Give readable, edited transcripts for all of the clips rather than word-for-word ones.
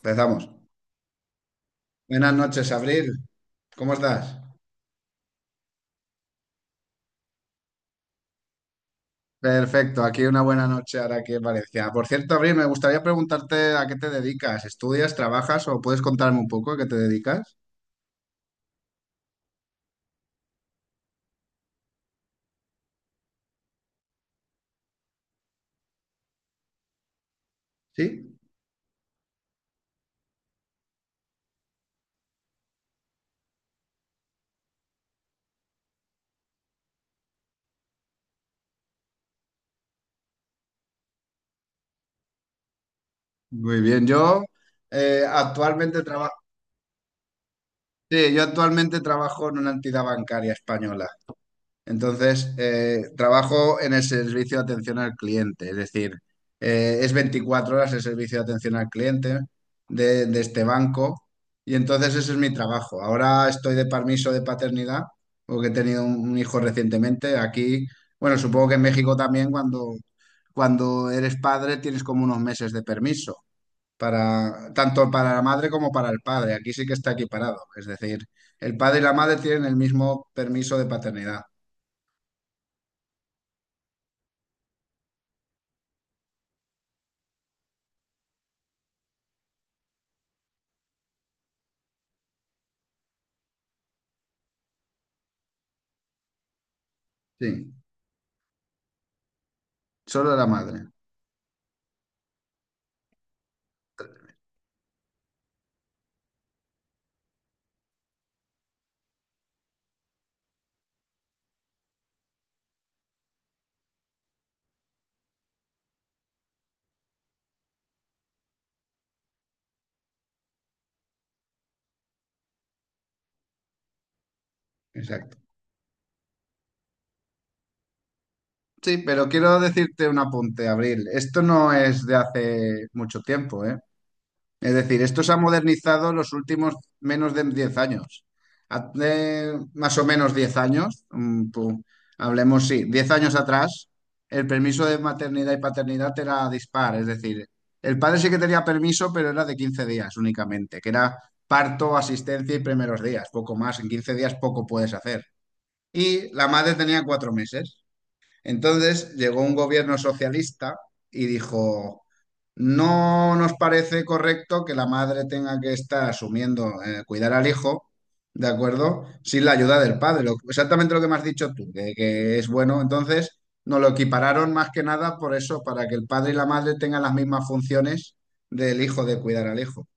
Empezamos. Buenas noches, Abril. ¿Cómo estás? Perfecto, aquí una buena noche ahora aquí en Valencia. Por cierto, Abril, me gustaría preguntarte a qué te dedicas. ¿Estudias, trabajas o puedes contarme un poco a qué te dedicas? Sí. Muy bien, yo actualmente trabajo. Sí, yo actualmente trabajo en una entidad bancaria española. Entonces, trabajo en el servicio de atención al cliente, es decir, es 24 horas el servicio de atención al cliente de este banco, y entonces ese es mi trabajo. Ahora estoy de permiso de paternidad porque he tenido un hijo recientemente aquí. Bueno, supongo que en México también cuando eres padre tienes como unos meses de permiso. Para, tanto para la madre como para el padre. Aquí sí que está equiparado. Es decir, el padre y la madre tienen el mismo permiso de paternidad. Sí. Solo la madre, exacto. Sí, pero quiero decirte un apunte, Abril. Esto no es de hace mucho tiempo, ¿eh? Es decir, esto se ha modernizado los últimos menos de 10 años. Hace más o menos 10 años, hablemos, sí, 10 años atrás, el permiso de maternidad y paternidad era dispar. Es decir, el padre sí que tenía permiso, pero era de 15 días únicamente, que era parto, asistencia y primeros días, poco más. En 15 días poco puedes hacer. Y la madre tenía 4 meses. Entonces llegó un gobierno socialista y dijo, no nos parece correcto que la madre tenga que estar asumiendo cuidar al hijo, ¿de acuerdo? Sin la ayuda del padre. Exactamente lo que me has dicho tú, que es bueno. Entonces nos lo equipararon más que nada por eso, para que el padre y la madre tengan las mismas funciones del hijo, de cuidar al hijo.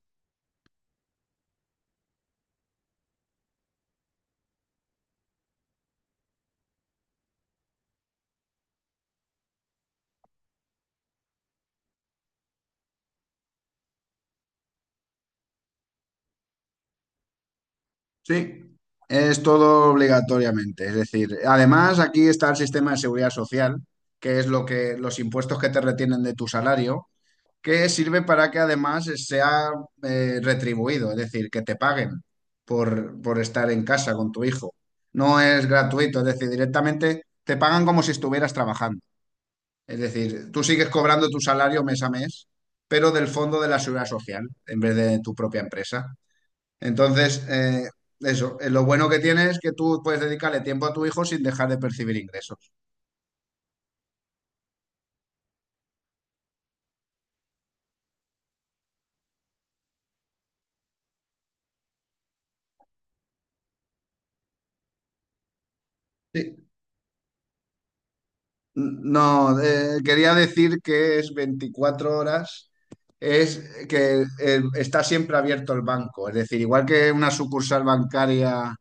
Sí, es todo obligatoriamente. Es decir, además aquí está el sistema de seguridad social, que es lo que los impuestos que te retienen de tu salario, que sirve para que además sea retribuido, es decir, que te paguen por estar en casa con tu hijo. No es gratuito, es decir, directamente te pagan como si estuvieras trabajando. Es decir, tú sigues cobrando tu salario mes a mes, pero del fondo de la seguridad social, en vez de tu propia empresa. Entonces, eso, lo bueno que tiene es que tú puedes dedicarle tiempo a tu hijo sin dejar de percibir ingresos. Sí. No, quería decir que es 24 horas, es que está siempre abierto el banco, es decir, igual que una sucursal bancaria,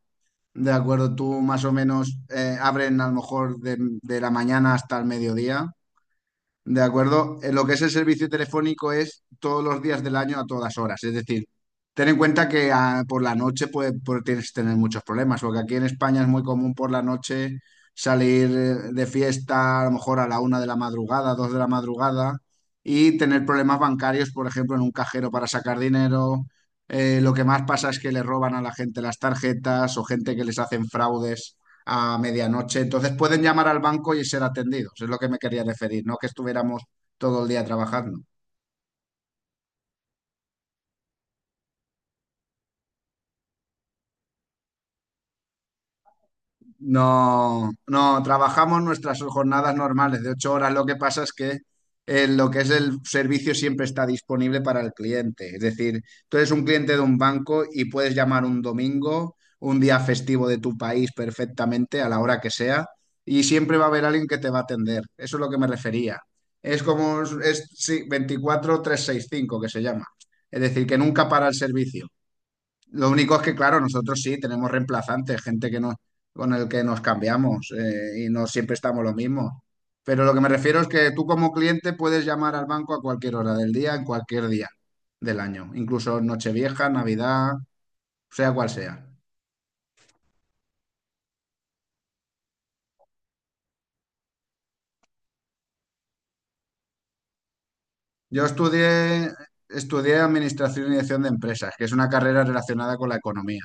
de acuerdo, tú más o menos abren a lo mejor de la mañana hasta el mediodía. De acuerdo. Lo que es el servicio telefónico es todos los días del año a todas horas. Es decir, ten en cuenta que por la noche puede, tienes que tener muchos problemas, porque aquí en España es muy común por la noche salir de fiesta a lo mejor a la una de la madrugada, dos de la madrugada, y tener problemas bancarios, por ejemplo, en un cajero para sacar dinero. Lo que más pasa es que le roban a la gente las tarjetas o gente que les hacen fraudes a medianoche. Entonces pueden llamar al banco y ser atendidos, es lo que me quería referir, no que estuviéramos todo el día trabajando. No, no, trabajamos nuestras jornadas normales de 8 horas. Lo que pasa es que lo que es el servicio siempre está disponible para el cliente. Es decir, tú eres un cliente de un banco y puedes llamar un domingo, un día festivo de tu país perfectamente, a la hora que sea, y siempre va a haber alguien que te va a atender. Eso es lo que me refería. Es como, es, sí, 24-365 que se llama. Es decir, que nunca para el servicio. Lo único es que, claro, nosotros sí tenemos reemplazantes, gente que nos, con el que nos cambiamos y no siempre estamos lo mismo. Pero lo que me refiero es que tú como cliente puedes llamar al banco a cualquier hora del día, en cualquier día del año, incluso Nochevieja, Navidad, sea cual sea. Yo estudié, estudié Administración y Dirección de Empresas, que es una carrera relacionada con la economía.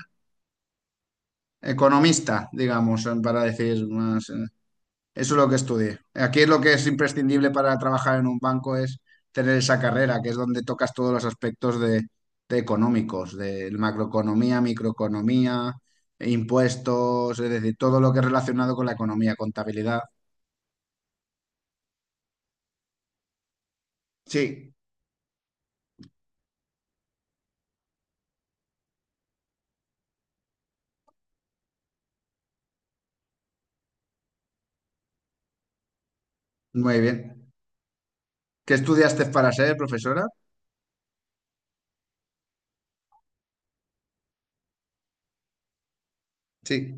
Economista, digamos, para decir más, eso es lo que estudié. Aquí es lo que es imprescindible para trabajar en un banco es tener esa carrera, que es donde tocas todos los aspectos de económicos, de macroeconomía, microeconomía, impuestos, es decir, todo lo que es relacionado con la economía, contabilidad. Sí, muy bien. ¿Qué estudiaste para ser profesora? Sí,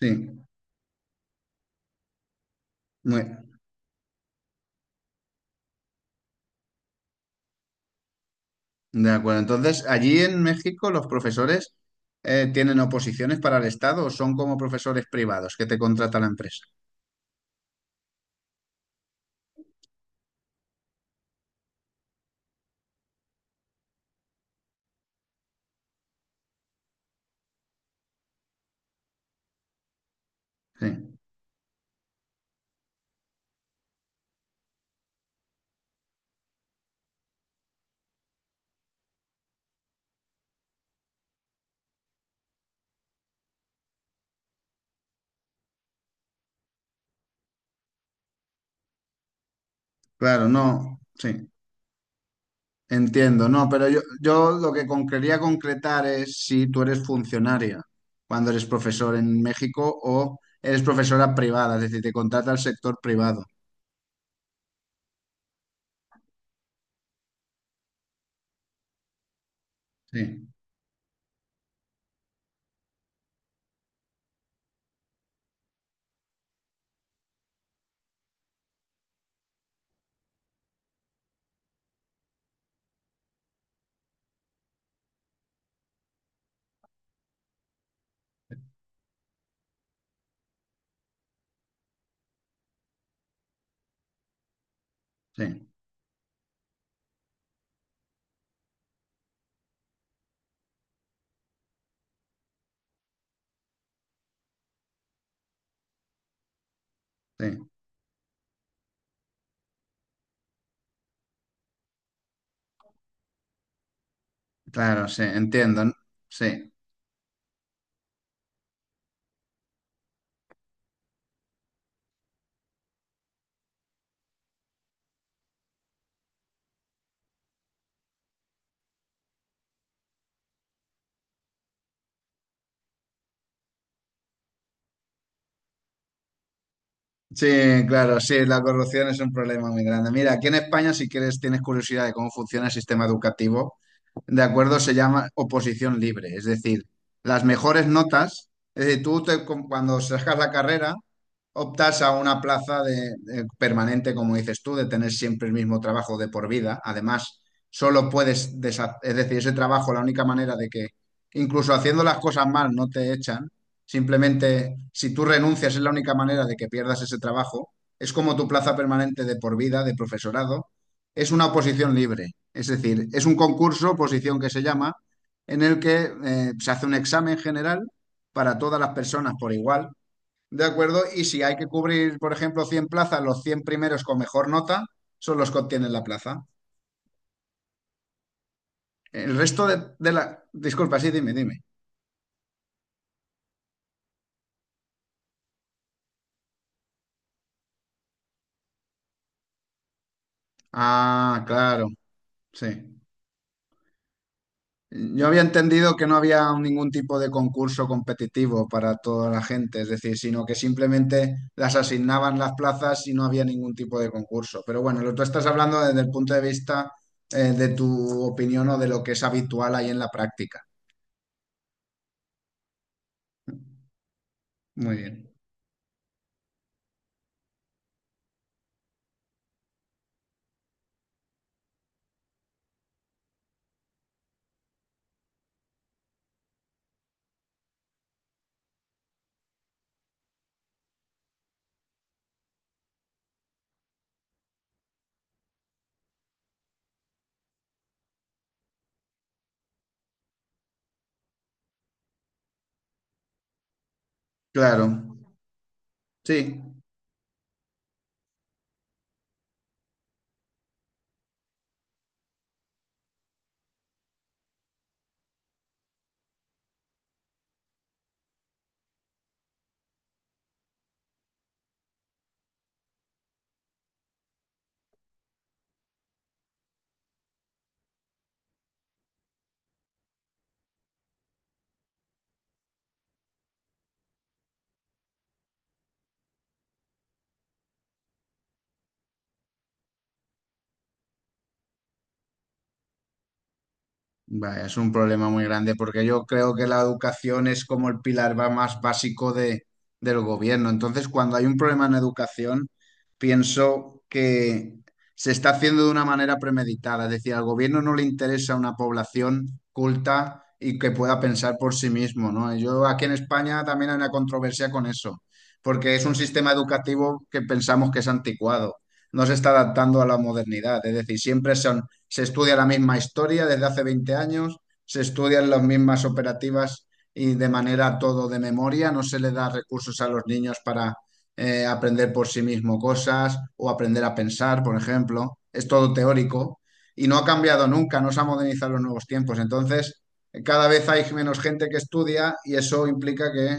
sí, muy de acuerdo. Entonces, allí en México los profesores tienen oposiciones para el Estado o son como profesores privados que te contrata la empresa. Sí. Claro, no, sí, entiendo, no, pero yo, lo que quería concretar es si tú eres funcionaria cuando eres profesor en México o eres profesora privada, es decir, te contrata el sector privado. Sí, sí, sí, claro, sí, entiendo, sí. Sí, claro, sí, la corrupción es un problema muy grande. Mira, aquí en España, si quieres, tienes curiosidad de cómo funciona el sistema educativo, de acuerdo, se llama oposición libre, es decir, las mejores notas, es decir, cuando sacas la carrera, optas a una plaza de permanente, como dices tú, de tener siempre el mismo trabajo de por vida. Además, solo puedes, es decir, ese trabajo, la única manera de que, incluso haciendo las cosas mal, no te echan. Simplemente, si tú renuncias es la única manera de que pierdas ese trabajo. Es como tu plaza permanente de por vida, de profesorado. Es una oposición libre. Es decir, es un concurso, oposición que se llama, en el que se hace un examen general para todas las personas por igual. ¿De acuerdo? Y si hay que cubrir, por ejemplo, 100 plazas, los 100 primeros con mejor nota son los que obtienen la plaza. El resto de la... Disculpa, sí, dime, dime. Ah, claro, sí. Yo había entendido que no había ningún tipo de concurso competitivo para toda la gente, es decir, sino que simplemente las asignaban las plazas y no había ningún tipo de concurso. Pero bueno, lo tú estás hablando desde el punto de vista de tu opinión o de lo que es habitual ahí en la práctica. Muy bien. Claro, sí. Vaya, es un problema muy grande porque yo creo que la educación es como el pilar más básico de, del gobierno. Entonces, cuando hay un problema en educación, pienso que se está haciendo de una manera premeditada. Es decir, al gobierno no le interesa una población culta y que pueda pensar por sí mismo, ¿no? Yo aquí en España también hay una controversia con eso, porque es un sistema educativo que pensamos que es anticuado. No se está adaptando a la modernidad. Es decir, siempre son se estudia la misma historia desde hace 20 años, se estudian las mismas operativas y de manera todo de memoria, no se le da recursos a los niños para aprender por sí mismo cosas o aprender a pensar, por ejemplo, es todo teórico y no ha cambiado nunca, no se ha modernizado los nuevos tiempos, entonces cada vez hay menos gente que estudia y eso implica que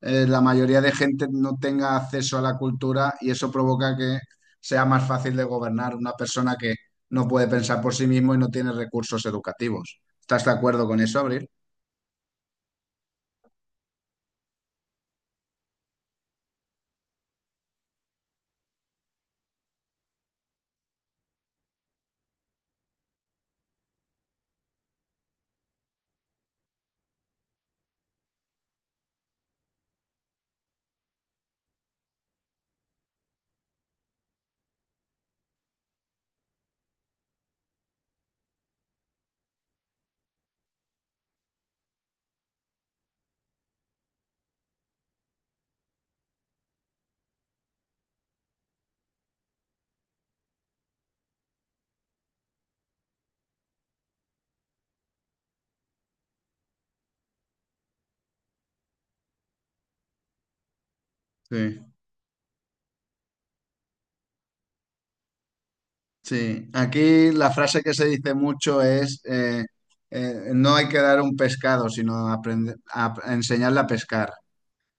la mayoría de gente no tenga acceso a la cultura y eso provoca que sea más fácil de gobernar una persona que no puede pensar por sí mismo y no tiene recursos educativos. ¿Estás de acuerdo con eso, Abril? Sí. Sí. Aquí la frase que se dice mucho es, no hay que dar un pescado, sino aprender a enseñarle a pescar.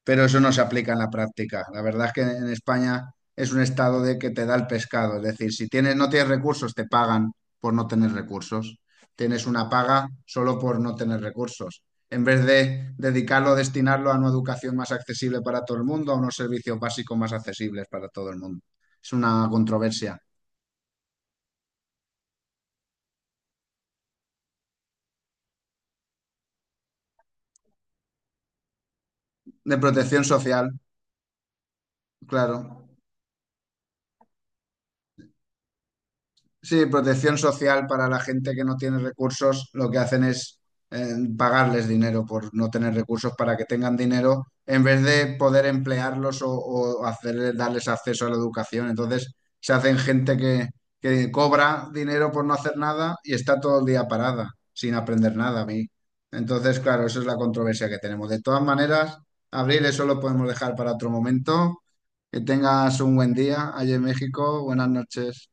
Pero eso no se aplica en la práctica. La verdad es que en España es un estado de que te da el pescado, es decir, si tienes, no tienes recursos, te pagan por no tener recursos. Tienes una paga solo por no tener recursos. En vez de dedicarlo, destinarlo a una educación más accesible para todo el mundo, a unos servicios básicos más accesibles para todo el mundo. Es una controversia. De protección social, claro. Sí, protección social para la gente que no tiene recursos, lo que hacen es pagarles dinero por no tener recursos para que tengan dinero en vez de poder emplearlos o darles acceso a la educación. Entonces se hacen gente que cobra dinero por no hacer nada y está todo el día parada sin aprender nada a mí. Entonces, claro, esa es la controversia que tenemos. De todas maneras, Abril, eso lo podemos dejar para otro momento. Que tengas un buen día allí en México. Buenas noches.